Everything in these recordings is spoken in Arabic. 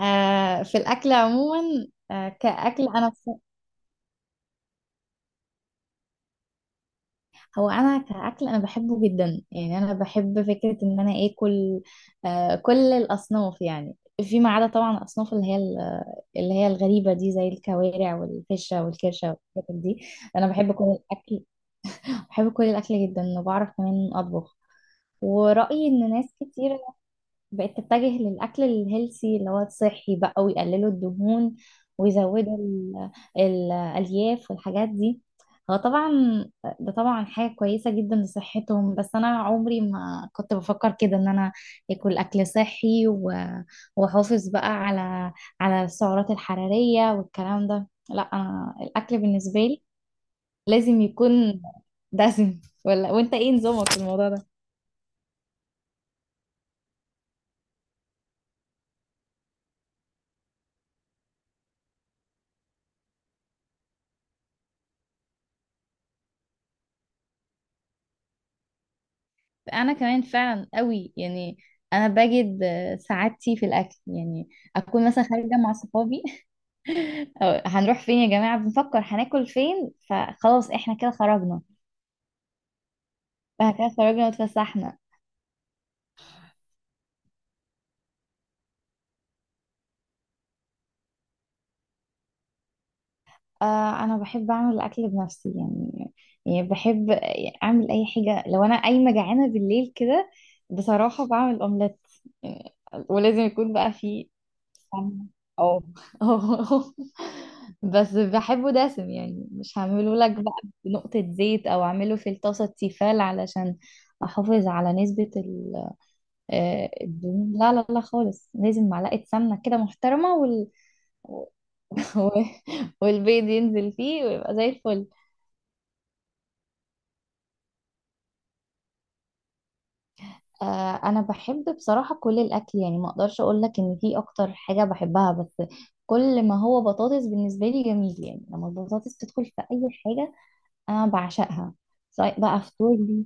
آه، في الأكل عموما. كأكل هو أنا كأكل، أنا بحبه جدا. يعني أنا بحب فكرة إن أنا آكل كل الأصناف يعني، فيما عدا طبعا الأصناف اللي هي الغريبة دي، زي الكوارع والفشة والكرشة والحاجات دي. أنا بحب كل الأكل. بحب كل الأكل جدا، وبعرف كمان أطبخ. ورأيي إن ناس كتير بقت تتجه للأكل الهيلثي، اللي هو الصحي بقى، ويقللوا الدهون ويزودوا الألياف والحاجات دي. هو طبعا ده طبعا حاجة كويسة جدا لصحتهم. بس أنا عمري ما كنت بفكر كده، إن أنا آكل أكل صحي وأحافظ بقى على السعرات الحرارية والكلام ده. لا، أنا الأكل بالنسبة لي لازم يكون دسم، ولا وأنت إيه نظامك في الموضوع ده؟ انا كمان فعلا قوي يعني. انا بجد سعادتي في الاكل يعني. اكون مثلا خارجه مع صحابي أو هنروح فين يا جماعه، بنفكر هناكل فين، فخلاص احنا كده خرجنا. احنا كده خرجنا واتفسحنا. آه، انا بحب اعمل الاكل بنفسي يعني. يعني بحب اعمل اي حاجه لو انا قايمه جعانه بالليل كده. بصراحه بعمل اومليت يعني، ولازم يكون بقى فيه. فاهمة؟ اه. اه. بس بحبه دسم يعني، مش هعمله لك بقى بنقطة زيت، او اعمله في الطاسة تيفال علشان احافظ على نسبة الدهون. لا لا لا خالص، لازم معلقة سمنة كده محترمة و- والبيض ينزل فيه ويبقى زي الفل. انا بحب بصراحة كل الاكل يعني. ما اقدرش اقول لك ان في اكتر حاجة بحبها، بس كل ما هو بطاطس بالنسبة لي جميل. يعني لما البطاطس تدخل في اي حاجة انا بعشقها. سواء بقى فطور دي.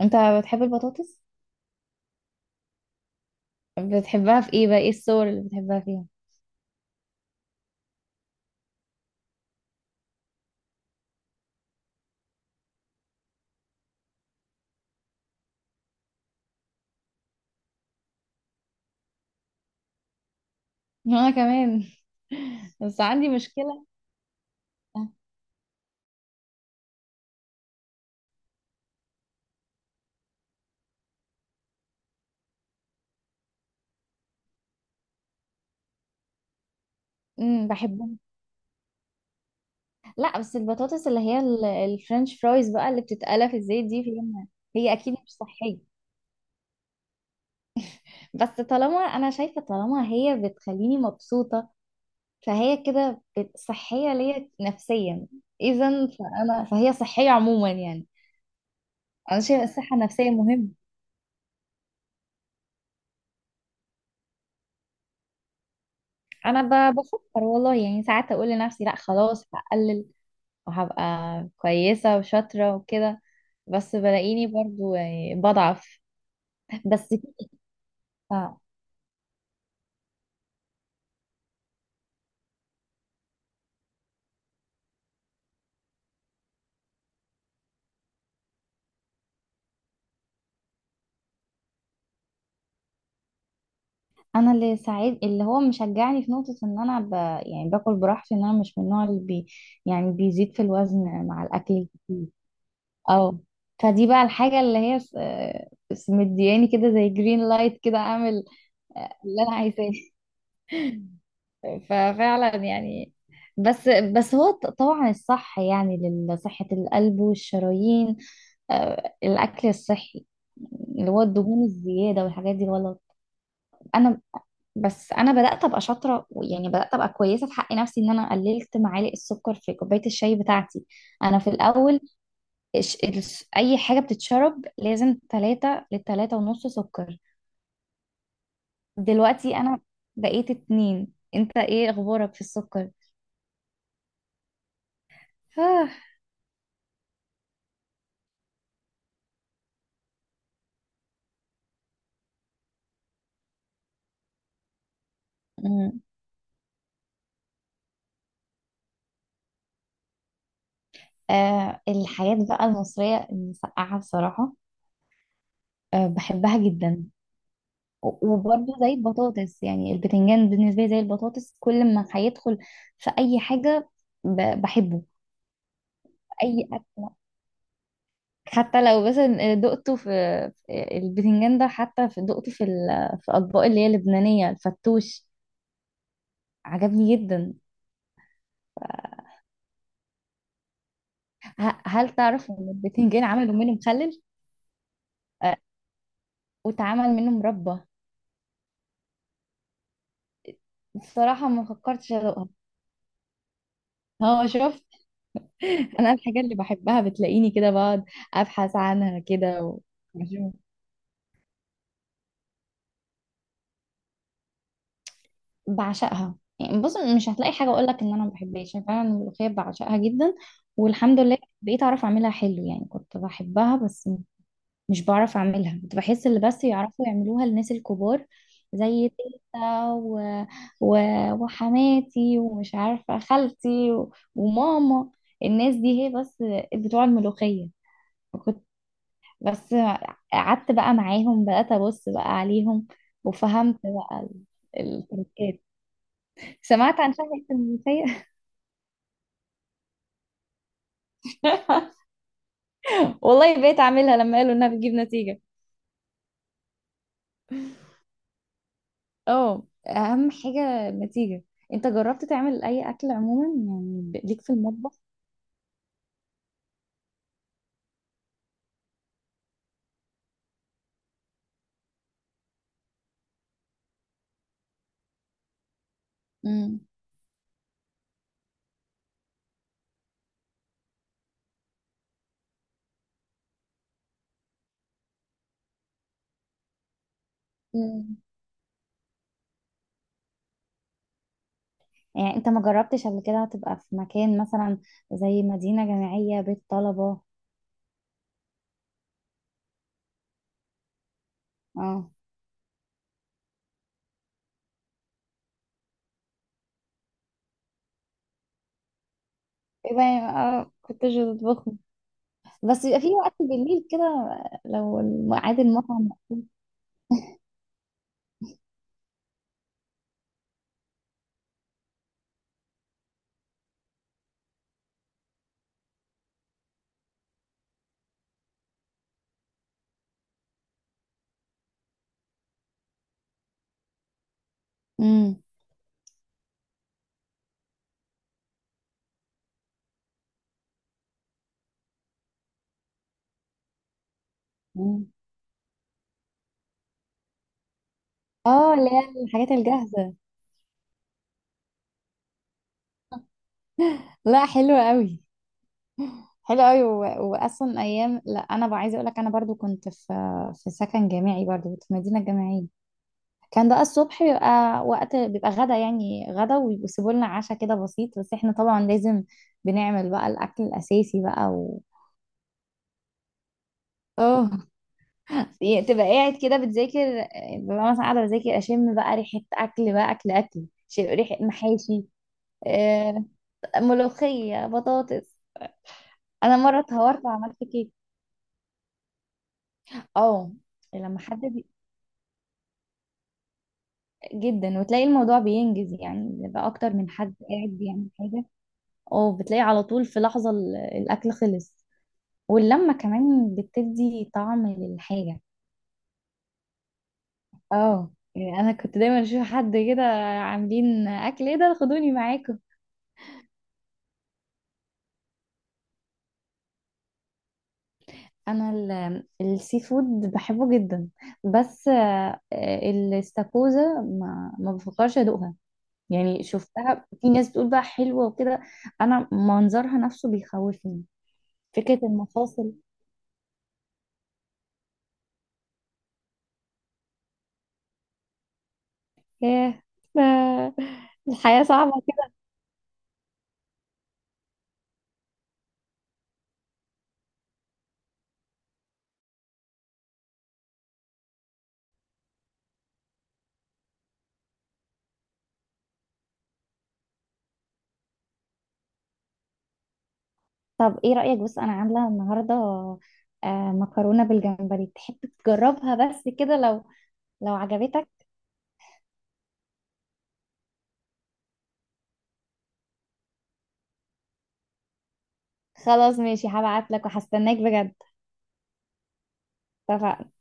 انت بتحب البطاطس؟ بتحبها في ايه بقى، ايه الصور اللي بتحبها فيها؟ انا كمان. بس عندي مشكلة. بحبها. لا بس البطاطس اللي هي الفرنش فرايز بقى، اللي بتتقلى في الزيت دي، فيها. هي اكيد مش صحية. بس طالما انا شايفة، طالما هي بتخليني مبسوطة، فهي كده صحية ليا نفسيا. اذا فانا فهي صحية عموما يعني. انا شايفة الصحة النفسية مهمة. انا بفكر والله، يعني ساعات اقول لنفسي لا خلاص هقلل، وهبقى كويسة وشاطرة وكده. بس بلاقيني برضو يعني بضعف. بس ف- انا اللي ساعد، اللي هو مشجعني في نقطة ان انا يعني باكل براحتي، ان انا مش من النوع يعني بيزيد في الوزن مع الاكل الكتير. اه، فدي بقى الحاجة اللي هي مدياني كده زي جرين لايت، كده اعمل اللي انا عايزاه. ففعلا يعني. بس بس هو طبعا الصح يعني لصحة القلب والشرايين. الأكل الصحي، اللي هو الدهون الزيادة والحاجات دي، غلط. أنا، بس أنا بدأت أبقى شاطرة، يعني بدأت أبقى كويسة في حق نفسي، إن أنا قللت معالق السكر في كوباية الشاي بتاعتي. أنا في الأول أي حاجة بتتشرب لازم تلاتة لتلاتة ونص سكر. دلوقتي أنا بقيت اتنين. أنت إيه أخبارك في السكر؟ آه. آه، الحاجات بقى المصرية، المسقعة بصراحة. آه بحبها جدا. وبرضه زي البطاطس، يعني البتنجان بالنسبة لي زي البطاطس، كل ما هيدخل في أي حاجة بحبه، في أي أكل. حتى لو بس دقته في البتنجان ده، حتى في دقته في في أطباق اللي هي اللبنانية، الفتوش عجبني جدا. هل تعرف إن البتنجان عملوا منه مخلل؟ آه، واتعمل منه مربى. بصراحة ما فكرتش أدوقها. هو شوف، انا الحاجه اللي بحبها بتلاقيني كده بقعد ابحث عنها كده وبشوف. بعشقها يعني. بص، مش هتلاقي حاجه اقول لك ان انا ما بحبهاش، يعني فعلا الملوخيه بعشقها جدا. والحمد لله بقيت اعرف اعملها حلو. يعني كنت بحبها بس مش بعرف اعملها. كنت بحس اللي بس يعرفوا يعملوها الناس الكبار، زي تيتا و... وحماتي، ومش عارفه خالتي وماما. الناس دي هي بس بتوع الملوخيه. بس قعدت بقى معاهم، بدأت أبص بقى عليهم وفهمت بقى التركات. سمعت عن شهوة المنسية. والله بقيت أعملها لما قالوا إنها بتجيب نتيجة. اه، أهم حاجة النتيجة. أنت جربت تعمل أي أكل عموما، يعني ليك في المطبخ؟ مم. مم. يعني أنت ما جربتش قبل كده تبقى في مكان مثلا، زي مدينة جامعية، بيت طلبة؟ اه، إيه بقى، كنتش بتطبخ؟ بس يبقى في وقت بالليل كده، لو ميعاد المطعم. امم. أمم. اه، اللي هي الحاجات الجاهزة. لا، حلوة قوي. حلوة قوي واصلا ايام. لا انا بقى عايزة اقول لك، انا برضو كنت في سكن جامعي، برضو كنت في مدينة جامعية. كان ده الصبح بيبقى وقت، بيبقى غدا، يعني غدا، ويسيبوا لنا عشاء كده بسيط، بس احنا طبعا لازم بنعمل بقى الاكل الاساسي بقى اه، يعني تبقى قاعد كده بتذاكر، ببقى مثلا قاعدة بذاكر، أشم بقى ريحة أكل بقى، أكل أكل ريحة محاشي، آه، ملوخية، بطاطس. أنا مرة اتهورت وعملت كيك. اه، لما حد جدا، وتلاقي الموضوع بينجز يعني، بيبقى أكتر من حد قاعد بيعمل حاجة. اه، بتلاقي على طول في لحظة الأكل خلص. واللمة كمان بتدي طعم للحاجة. اه، يعني أنا كنت دايما أشوف حد كده عاملين أكل، ايه ده، خدوني معاكم. انا السي فود بحبه جدا. بس الاستاكوزا ما بفكرش ادوقها. يعني شفتها في ناس بتقول بقى حلوه وكده، انا منظرها نفسه بيخوفني، فكره المفاصل. ايه، الحياه صعبه كده. طب ايه رايك، بص انا عامله النهارده مكرونه بالجمبري، تحب تجربها، بس كده لو عجبتك. خلاص ماشي، هبعت لك وهستناك. بجد.